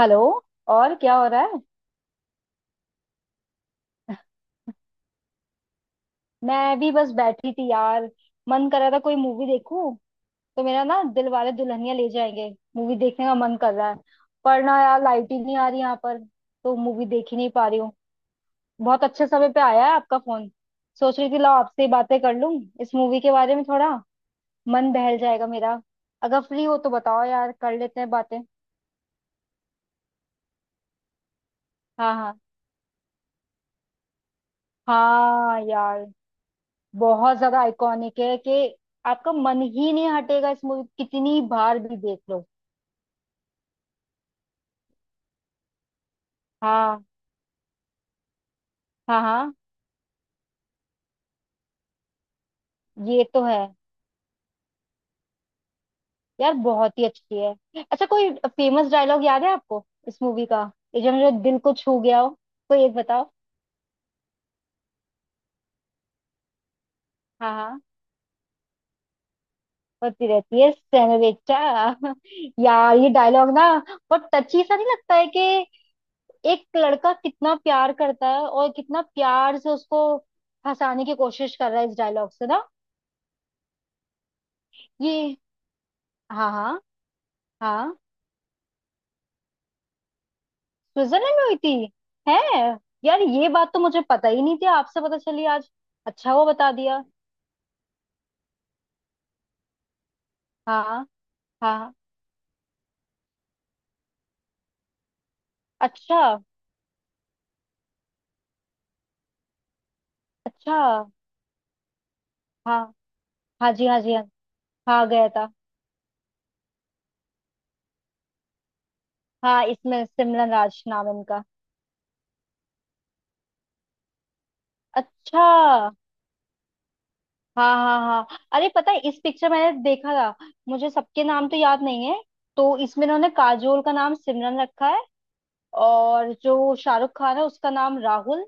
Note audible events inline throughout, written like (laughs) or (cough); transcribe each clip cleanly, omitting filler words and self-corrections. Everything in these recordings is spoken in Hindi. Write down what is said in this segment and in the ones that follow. हेलो। और क्या हो रहा है। मैं भी बस बैठी थी यार। मन कर रहा था कोई मूवी देखूं, तो मेरा ना दिल वाले दुल्हनिया ले जाएंगे मूवी देखने का मन कर रहा है। पर ना यार लाइट ही नहीं आ रही यहाँ पर, तो मूवी देख ही नहीं पा रही हूँ। बहुत अच्छे समय पे आया है आपका फोन। सोच रही थी लाओ आपसे ही बातें कर लूं इस मूवी के बारे में थोड़ा, मन बहल जाएगा मेरा। अगर फ्री हो तो बताओ यार, कर लेते हैं बातें। हाँ हाँ। हाँ यार, बहुत ज्यादा आइकॉनिक है कि आपका मन ही नहीं हटेगा इस मूवी, कितनी बार भी देख लो। हाँ हाँ हाँ। ये तो है। यार बहुत ही अच्छी है। अच्छा, कोई फेमस डायलॉग याद है आपको इस मूवी का, ये जो मेरे दिल को छू गया हो, कोई एक बताओ। हाँ हाँ, होती रहती है सेनोरेटा। यार ये डायलॉग ना, बहुत टची सा नहीं लगता है कि एक लड़का कितना प्यार करता है और कितना प्यार से उसको फंसाने की कोशिश कर रहा है इस डायलॉग से ना। ये हाँ हाँ हाँ। स्विट्जरलैंड में हुई थी। है। यार ये बात तो मुझे पता ही नहीं थी, आपसे पता चली आज। अच्छा हुआ बता दिया। हाँ हाँ। अच्छा। अच्छा। हाँ हाँ जी हाँ जी हाँ। हाँ गया था। हाँ, इसमें सिमरन राज नाम है इनका। अच्छा। हाँ हाँ हाँ, अरे पता है इस पिक्चर मैंने देखा था, मुझे सबके नाम तो याद नहीं है। तो इसमें इन्होंने काजोल का नाम सिमरन रखा है, और जो शाहरुख खान है उसका नाम राहुल।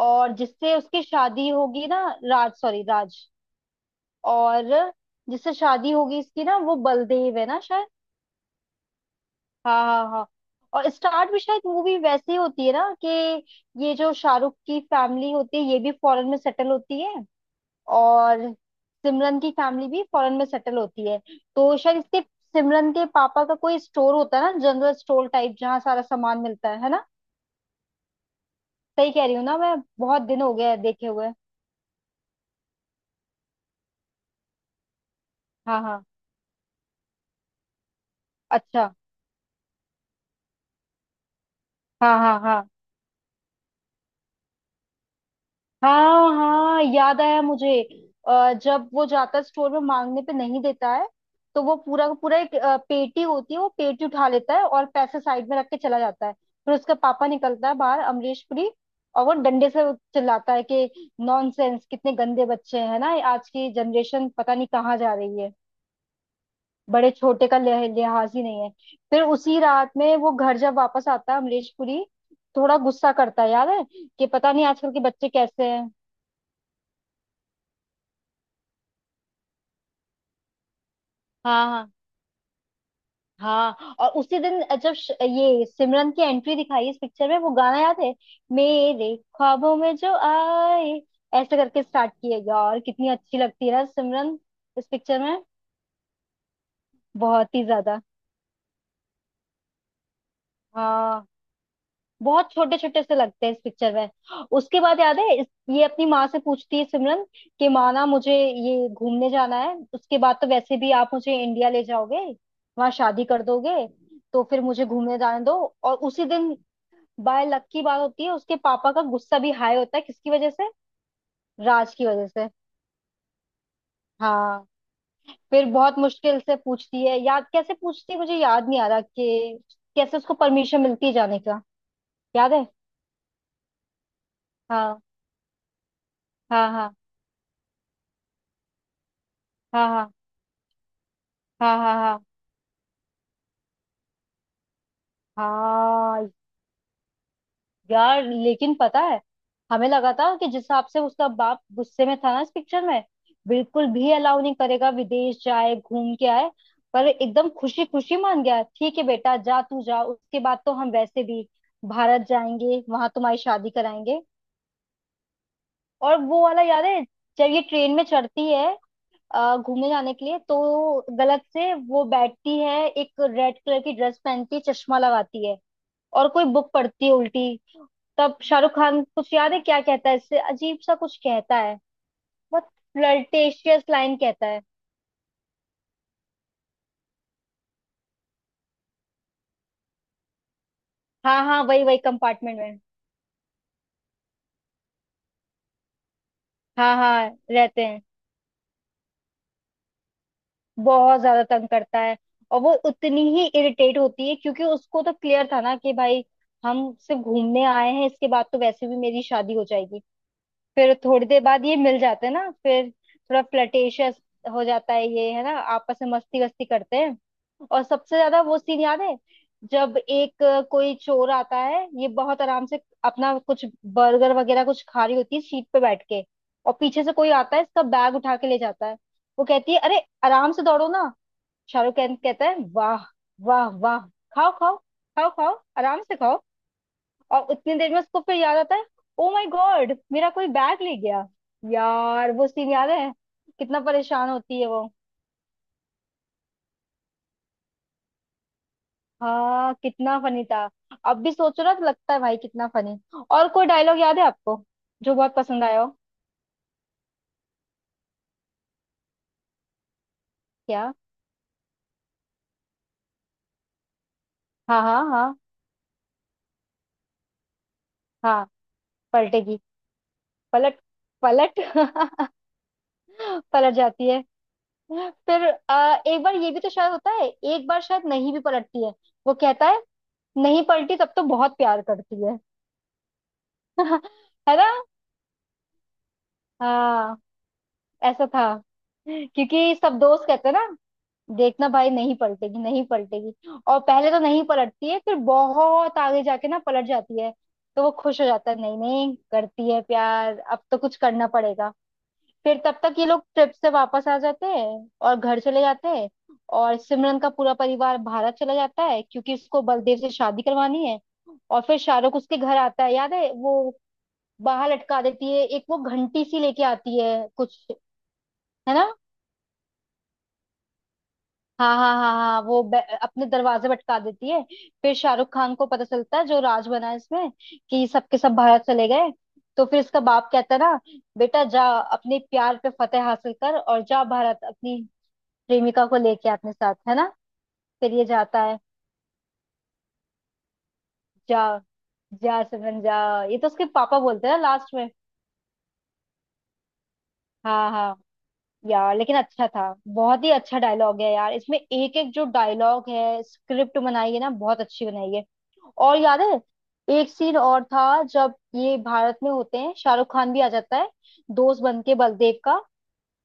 और जिससे उसकी शादी होगी ना। राज, सॉरी राज। और जिससे शादी होगी इसकी ना, वो बलदेव है ना शायद। हाँ हाँ हाँ। और स्टार्ट भी शायद मूवी वैसे ही होती है ना, कि ये जो शाहरुख की फैमिली होती है ये भी फॉरेन में सेटल होती है। और सिमरन की फैमिली भी फॉरेन में सेटल होती है। तो शायद इसके, सिमरन के पापा का कोई स्टोर होता है ना, जनरल स्टोर टाइप जहाँ सारा सामान मिलता है ना। सही कह रही हूँ ना मैं, बहुत दिन हो गया है देखे हुए। हाँ हाँ। अच्छा। हाँ हाँ हाँ। हाँ हाँ याद आया मुझे। जब वो जाता है स्टोर में मांगने पे नहीं देता है। तो वो पूरा का पूरा एक पेटी होती है, वो पेटी उठा लेता है और पैसे साइड में रख के चला जाता है। फिर उसका पापा निकलता है बाहर, अमरीश पुरी। और वो डंडे से चिल्लाता है कि नॉनसेंस, कितने गंदे बच्चे हैं ना, आज की जनरेशन पता नहीं कहाँ जा रही है, बड़े छोटे का लिहाज ही नहीं है। फिर उसी रात में वो घर जब वापस आता है अमरीश पुरी, थोड़ा गुस्सा करता है। याद है कि पता नहीं आजकल के बच्चे कैसे हैं। हाँ हाँ हाँ। और उसी दिन जब ये सिमरन की एंट्री दिखाई इस पिक्चर में, वो गाना याद है, मेरे ख्वाबों में जो आए, ऐसे करके स्टार्ट किया। यार कितनी अच्छी लगती है ना सिमरन इस पिक्चर में, बहुत ही ज्यादा। हाँ, बहुत छोटे छोटे से लगते हैं इस पिक्चर में। उसके बाद याद है ये अपनी माँ से पूछती है सिमरन, कि माँ ना मुझे ये घूमने जाना है, उसके बाद तो वैसे भी आप मुझे इंडिया ले जाओगे, वहां शादी कर दोगे, तो फिर मुझे घूमने जाने दो। और उसी दिन बाय लक की बात होती है, उसके पापा का गुस्सा भी हाई होता है, किसकी वजह से, राज की वजह से। हाँ। फिर बहुत मुश्किल से पूछती है, याद कैसे पूछती है मुझे याद नहीं आ रहा कि कैसे उसको परमिशन मिलती है जाने का। याद है। हाँ हाँ। हाँ हाँ। हाँ हाँ हाँ हाँ हाँ। यार लेकिन पता है, हमें लगा था कि जिस हिसाब से उसका बाप गुस्से में था ना इस पिक्चर में, बिल्कुल भी अलाउ नहीं करेगा विदेश जाए घूम के आए। पर एकदम खुशी खुशी मान गया, ठीक है बेटा जा तू जा, उसके बाद तो हम वैसे भी भारत जाएंगे वहां तुम्हारी शादी कराएंगे। और वो वाला याद है जब ये ट्रेन में चढ़ती है घूमने जाने के लिए, तो गलत से वो बैठती है, एक रेड कलर की ड्रेस पहनती है, चश्मा लगाती है और कोई बुक पढ़ती है उल्टी। तब शाहरुख खान कुछ याद है क्या कहता है, इससे अजीब सा कुछ कहता है, बहुत फ्लर्टेशियस लाइन कहता है। हाँ हाँ, वही वही कंपार्टमेंट में। हाँ हाँ, रहते हैं। बहुत ज्यादा तंग करता है। और वो उतनी ही इरिटेट होती है क्योंकि उसको तो क्लियर था ना कि भाई हम सिर्फ घूमने आए हैं, इसके बाद तो वैसे भी मेरी शादी हो जाएगी। फिर थोड़ी देर बाद ये मिल जाते हैं ना, फिर थोड़ा फ्लर्टेशियस हो जाता है ये, है ना, आपस में मस्ती वस्ती करते हैं। और सबसे ज्यादा वो सीन याद है, जब एक कोई चोर आता है, ये बहुत आराम से अपना कुछ बर्गर वगैरह कुछ खा रही होती है सीट पे बैठ के, और पीछे से कोई आता है इसका बैग उठा के ले जाता है। वो कहती है अरे आराम से दौड़ो ना। शाहरुख खान कहता है वाह वाह वाह, खाओ खाओ, खाओ खाओ आराम से खाओ। और उतनी देर में उसको फिर याद आता है, ओ माय गॉड मेरा कोई बैग ले गया। यार वो सीन याद है, कितना परेशान होती है वो। हाँ, कितना फनी था। अब भी सोचो ना तो लगता है भाई कितना फनी। और कोई डायलॉग याद है आपको, जो बहुत पसंद आया हो। क्या। हाँ हाँ हाँ। हाँ पलटेगी। पलट। पलट (laughs) पलट जाती है। फिर एक बार ये भी तो शायद होता है, एक बार शायद नहीं भी पलटती है, वो कहता है नहीं पलटी तब तो बहुत प्यार करती है। (laughs) है ना। हाँ ऐसा था। क्योंकि सब दोस्त कहते ना, देखना भाई नहीं पलटेगी नहीं पलटेगी। और पहले तो नहीं पलटती है, फिर बहुत आगे जाके ना पलट जाती है। तो वो खुश हो जाता है, नहीं नहीं करती है प्यार, अब तो कुछ करना पड़ेगा। फिर तब तक ये लोग ट्रिप से वापस आ जाते हैं और घर चले जाते हैं। और सिमरन का पूरा परिवार भारत चला जाता है क्योंकि उसको बलदेव से शादी करवानी है। और फिर शाहरुख उसके घर आता है, याद है वो, बाहर लटका देती है एक, वो घंटी सी लेके आती है कुछ, है ना। हाँ हाँ हाँ हाँ, वो अपने दरवाजे भटका देती है। फिर शाहरुख खान को पता चलता है, जो राज बना है इसमें, कि सबके सब भारत चले गए। तो फिर इसका बाप कहता है ना, बेटा जा अपने प्यार पे फतेह हासिल कर, और जा भारत अपनी प्रेमिका को लेके अपने साथ, है ना। फिर ये जाता है। जा, जा सिमरन जा, ये तो उसके पापा बोलते हैं ना लास्ट में। हाँ हाँ। यार लेकिन अच्छा था, बहुत ही अच्छा डायलॉग है यार इसमें, एक एक जो डायलॉग है, स्क्रिप्ट बनाई है ना बहुत अच्छी बनाई है। और याद है एक सीन और था, जब ये भारत में होते हैं शाहरुख खान भी आ जाता है दोस्त बन के बलदेव का।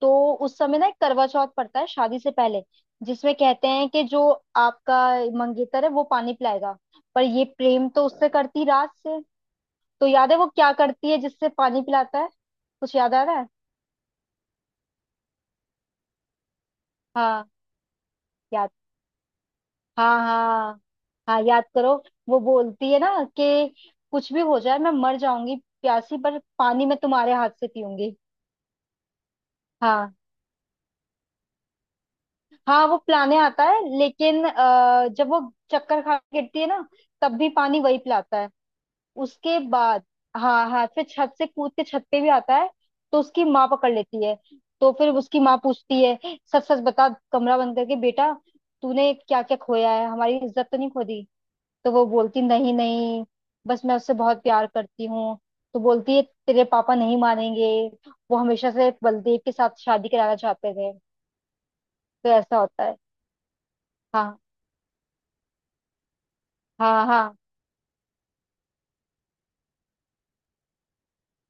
तो उस समय ना एक करवा चौथ पड़ता है शादी से पहले, जिसमें कहते हैं कि जो आपका मंगेतर है वो पानी पिलाएगा। पर ये प्रेम तो उससे करती रात से। तो याद है वो क्या करती है, जिससे पानी पिलाता है, कुछ याद आ रहा है। हाँ याद। हाँ हाँ। हाँ याद करो, वो बोलती है ना कि कुछ भी हो जाए मैं मर जाऊंगी प्यासी, पर पानी मैं तुम्हारे हाथ से पीऊंगी। हाँ हाँ वो पिलाने आता है, लेकिन जब वो चक्कर खा के गिरती है ना, तब भी पानी वही पिलाता है। उसके बाद, हाँ हाथ से छत से कूद के छत पे भी आता है, तो उसकी माँ पकड़ लेती है। तो फिर उसकी माँ पूछती है, सच सच बता कमरा बंद करके बेटा, तूने क्या क्या खोया है, हमारी इज्जत तो नहीं खो दी। तो वो बोलती नहीं नहीं, बस मैं उससे बहुत प्यार करती हूँ। तो बोलती है तेरे पापा नहीं मानेंगे, वो हमेशा से बलदेव के साथ शादी कराना चाहते थे। तो ऐसा होता है। हाँ हाँ हाँ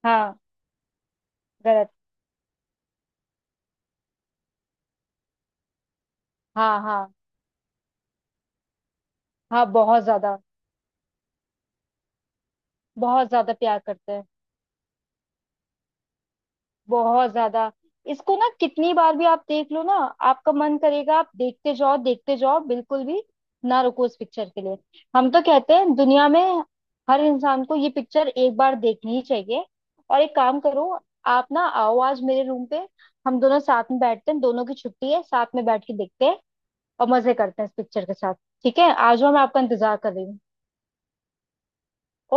हाँ। गलत। हाँ हाँ हाँ। बहुत ज्यादा, बहुत ज्यादा प्यार करते हैं। बहुत ज्यादा। इसको ना कितनी बार भी आप देख लो ना, आपका मन करेगा आप देखते जाओ देखते जाओ, बिल्कुल भी ना रुको इस पिक्चर के लिए। हम तो कहते हैं दुनिया में हर इंसान को ये पिक्चर एक बार देखनी ही चाहिए। और एक काम करो, आप ना आओ आज मेरे रूम पे, हम दोनों साथ में बैठते हैं, दोनों की छुट्टी है, साथ में बैठ के देखते हैं और मजे करते हैं इस पिक्चर के साथ। ठीक है आ जाओ, मैं आपका इंतजार कर रही हूँ।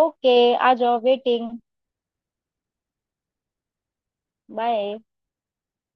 ओके, आ जाओ, वेटिंग। बाय।